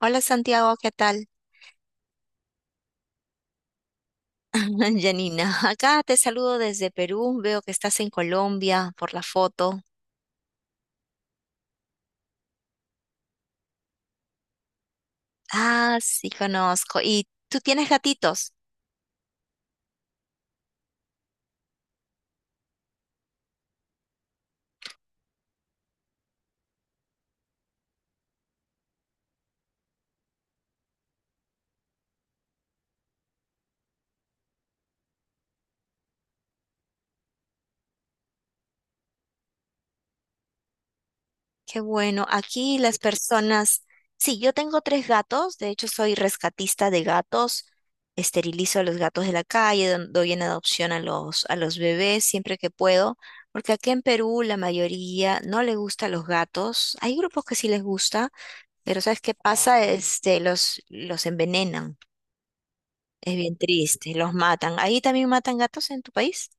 Hola Santiago, ¿qué tal? Janina, acá te saludo desde Perú, veo que estás en Colombia por la foto. Ah, sí, conozco. ¿Y tú tienes gatitos? Qué bueno, aquí las personas... Sí, yo tengo tres gatos, de hecho soy rescatista de gatos, esterilizo a los gatos de la calle, doy en adopción a a los bebés siempre que puedo, porque aquí en Perú la mayoría no le gustan los gatos, hay grupos que sí les gusta. Pero ¿sabes qué pasa? Este, los envenenan. Es bien triste, los matan. ¿Ahí también matan gatos en tu país?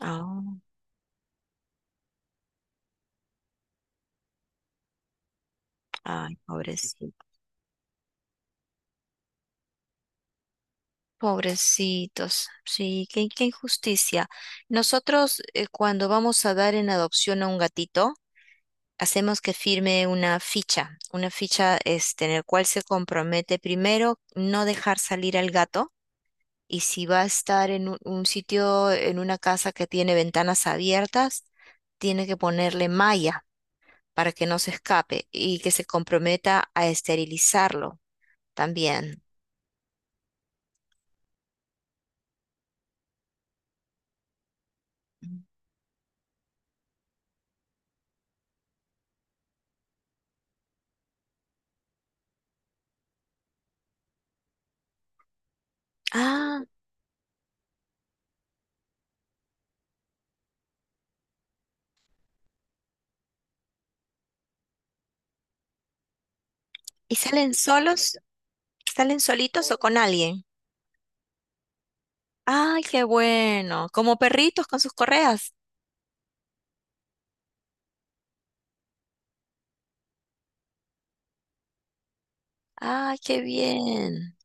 Ah, ay, pobrecitos. Pobrecitos. Sí, qué injusticia. Nosotros, cuando vamos a dar en adopción a un gatito, hacemos que firme una ficha este, en la cual se compromete primero no dejar salir al gato, y si va a estar en un sitio, en una casa que tiene ventanas abiertas, tiene que ponerle malla para que no se escape y que se comprometa a esterilizarlo también. Ah, ¿y salen solos? ¿Salen solitos o con alguien? Ay, qué bueno, como perritos con sus correas. Ay, qué bien.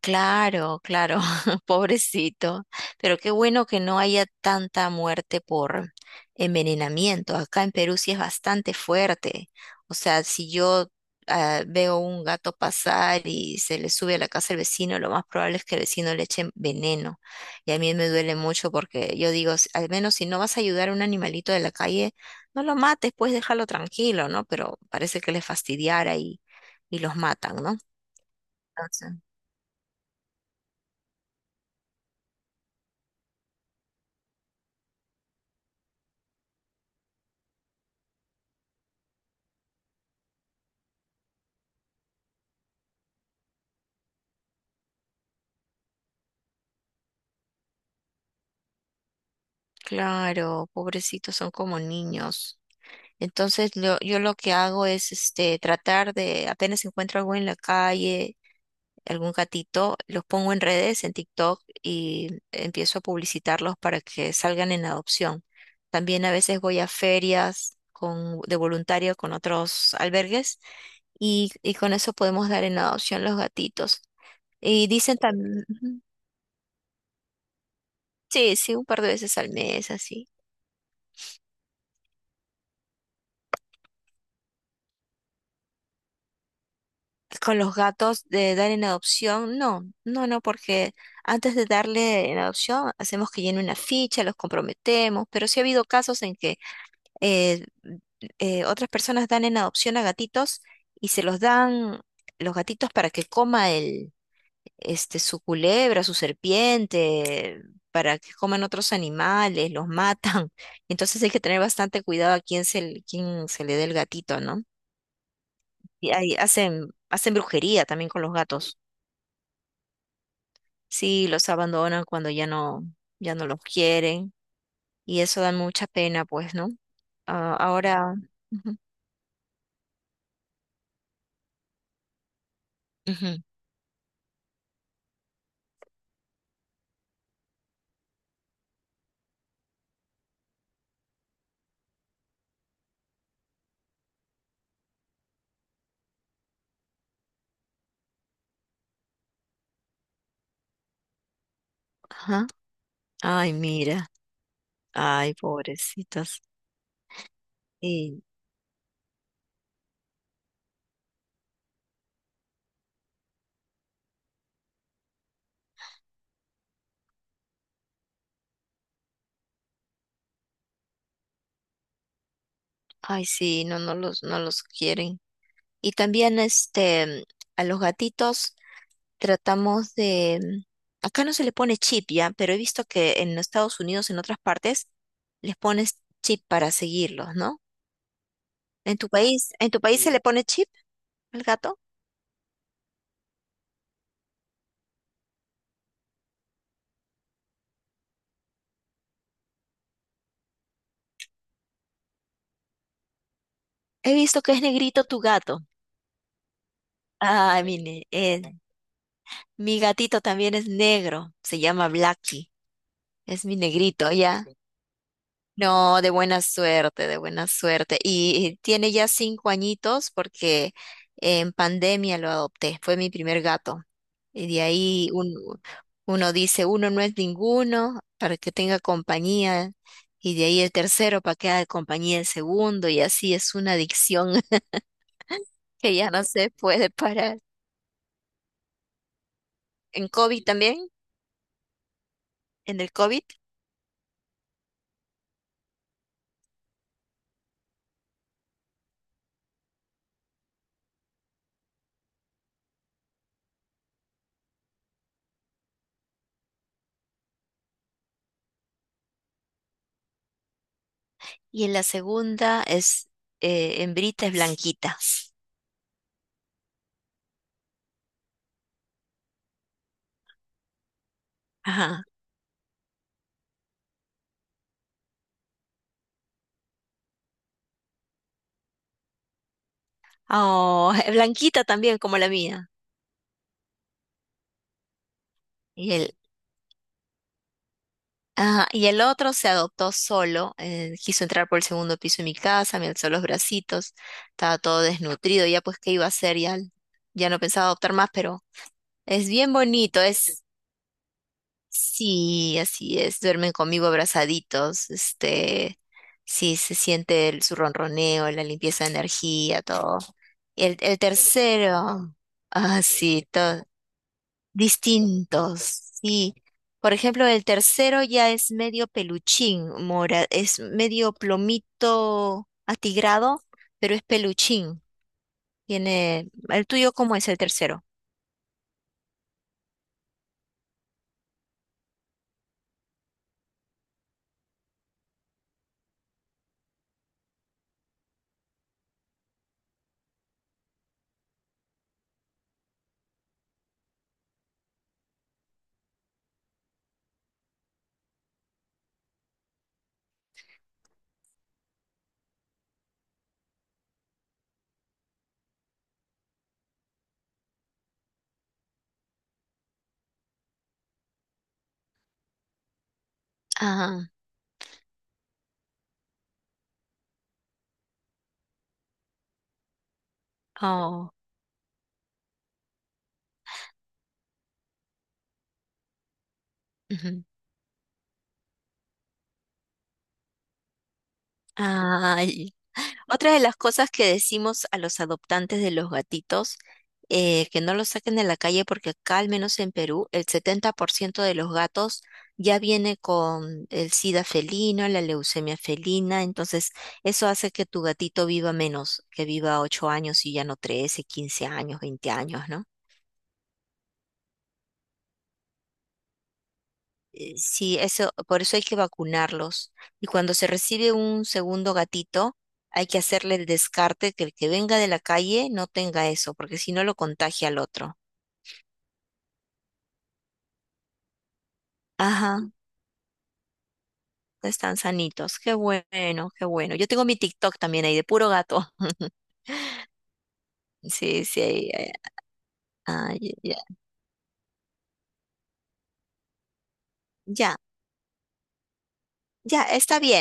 Claro, claro, pobrecito. Pero qué bueno que no haya tanta muerte por envenenamiento. Acá en Perú sí es bastante fuerte. O sea, si yo veo un gato pasar y se le sube a la casa el vecino, lo más probable es que el vecino le eche veneno. Y a mí me duele mucho porque yo digo: Al menos si no vas a ayudar a un animalito de la calle, no lo mates, pues déjalo tranquilo, ¿no?". Pero parece que les fastidiara y los matan, ¿no? Claro, pobrecitos, son como niños. Entonces yo lo que hago es este tratar de, apenas encuentro algo en la calle, algún gatito, los pongo en redes, en TikTok y empiezo a publicitarlos para que salgan en adopción. También a veces voy a ferias con, de voluntario con otros albergues, y con eso podemos dar en adopción los gatitos. Y dicen también, sí, sí, un par de veces al mes, así. Con los gatos de dar en adopción. No, no, no, porque antes de darle en adopción hacemos que llene una ficha, los comprometemos, pero sí ha habido casos en que eh, otras personas dan en adopción a gatitos y se los dan, los gatitos, para que coma este, su culebra, su serpiente, para que coman otros animales, los matan. Entonces hay que tener bastante cuidado a quién quién se le dé el gatito, ¿no? Y ahí hacen, hacen brujería también con los gatos. Sí, los abandonan cuando ya no, ya no los quieren, y eso da mucha pena, pues, ¿no? Ah, ahora, ujú, ujú, ajá. Ay, mira, ay, pobrecitas. Y, ay, sí, no, no los quieren. Y también, este, a los gatitos tratamos de, acá no se le pone chip ya, pero he visto que en Estados Unidos, en otras partes, les pones chip para seguirlos, ¿no? En tu país se, sí, le pone chip al gato? He visto que es negrito tu gato. Ah, sí, mire, mi gatito también es negro. Se llama Blackie. Es mi negrito, ¿ya? No, de buena suerte, de buena suerte. Y tiene ya 5 añitos, porque en pandemia lo adopté. Fue mi primer gato. Y de ahí uno dice, uno no es ninguno, para que tenga compañía. Y de ahí el tercero para que haga compañía el segundo. Y así es una adicción que ya no se puede parar. En COVID también, en el COVID. Y en la segunda es hembrita, es blanquita. Ajá. Oh, blanquita también, como la mía. Y el, ajá, y el otro se adoptó solo. Quiso entrar por el segundo piso de mi casa, me alzó los bracitos, estaba todo desnutrido. Ya pues, ¿qué iba a hacer? Ya, ya no pensaba adoptar más, pero es bien bonito. Es, sí, así es, duermen conmigo abrazaditos, este, sí, se siente su ronroneo, la limpieza de energía, todo. El tercero, ah, sí, todo, distintos, sí. Por ejemplo, el tercero ya es medio peluchín, mora, es medio plomito atigrado, pero es peluchín. Tiene, ¿el tuyo cómo es el tercero? Ah, oh. Ay. Otra de las cosas que decimos a los adoptantes de los gatitos, que no los saquen de la calle porque acá, al menos en Perú, el 70% de los gatos ya viene con el sida felino, la leucemia felina, entonces eso hace que tu gatito viva menos, que viva 8 años y ya no 13, 15 años, 20 años, ¿no? Sí, eso, por eso hay que vacunarlos. Y cuando se recibe un segundo gatito, hay que hacerle el descarte, que el que venga de la calle no tenga eso, porque si no lo contagia al otro. Ajá, están sanitos. Qué bueno, qué bueno. Yo tengo mi TikTok también ahí de puro gato. Sí, sí, eh, ya, ya, ya, está bien.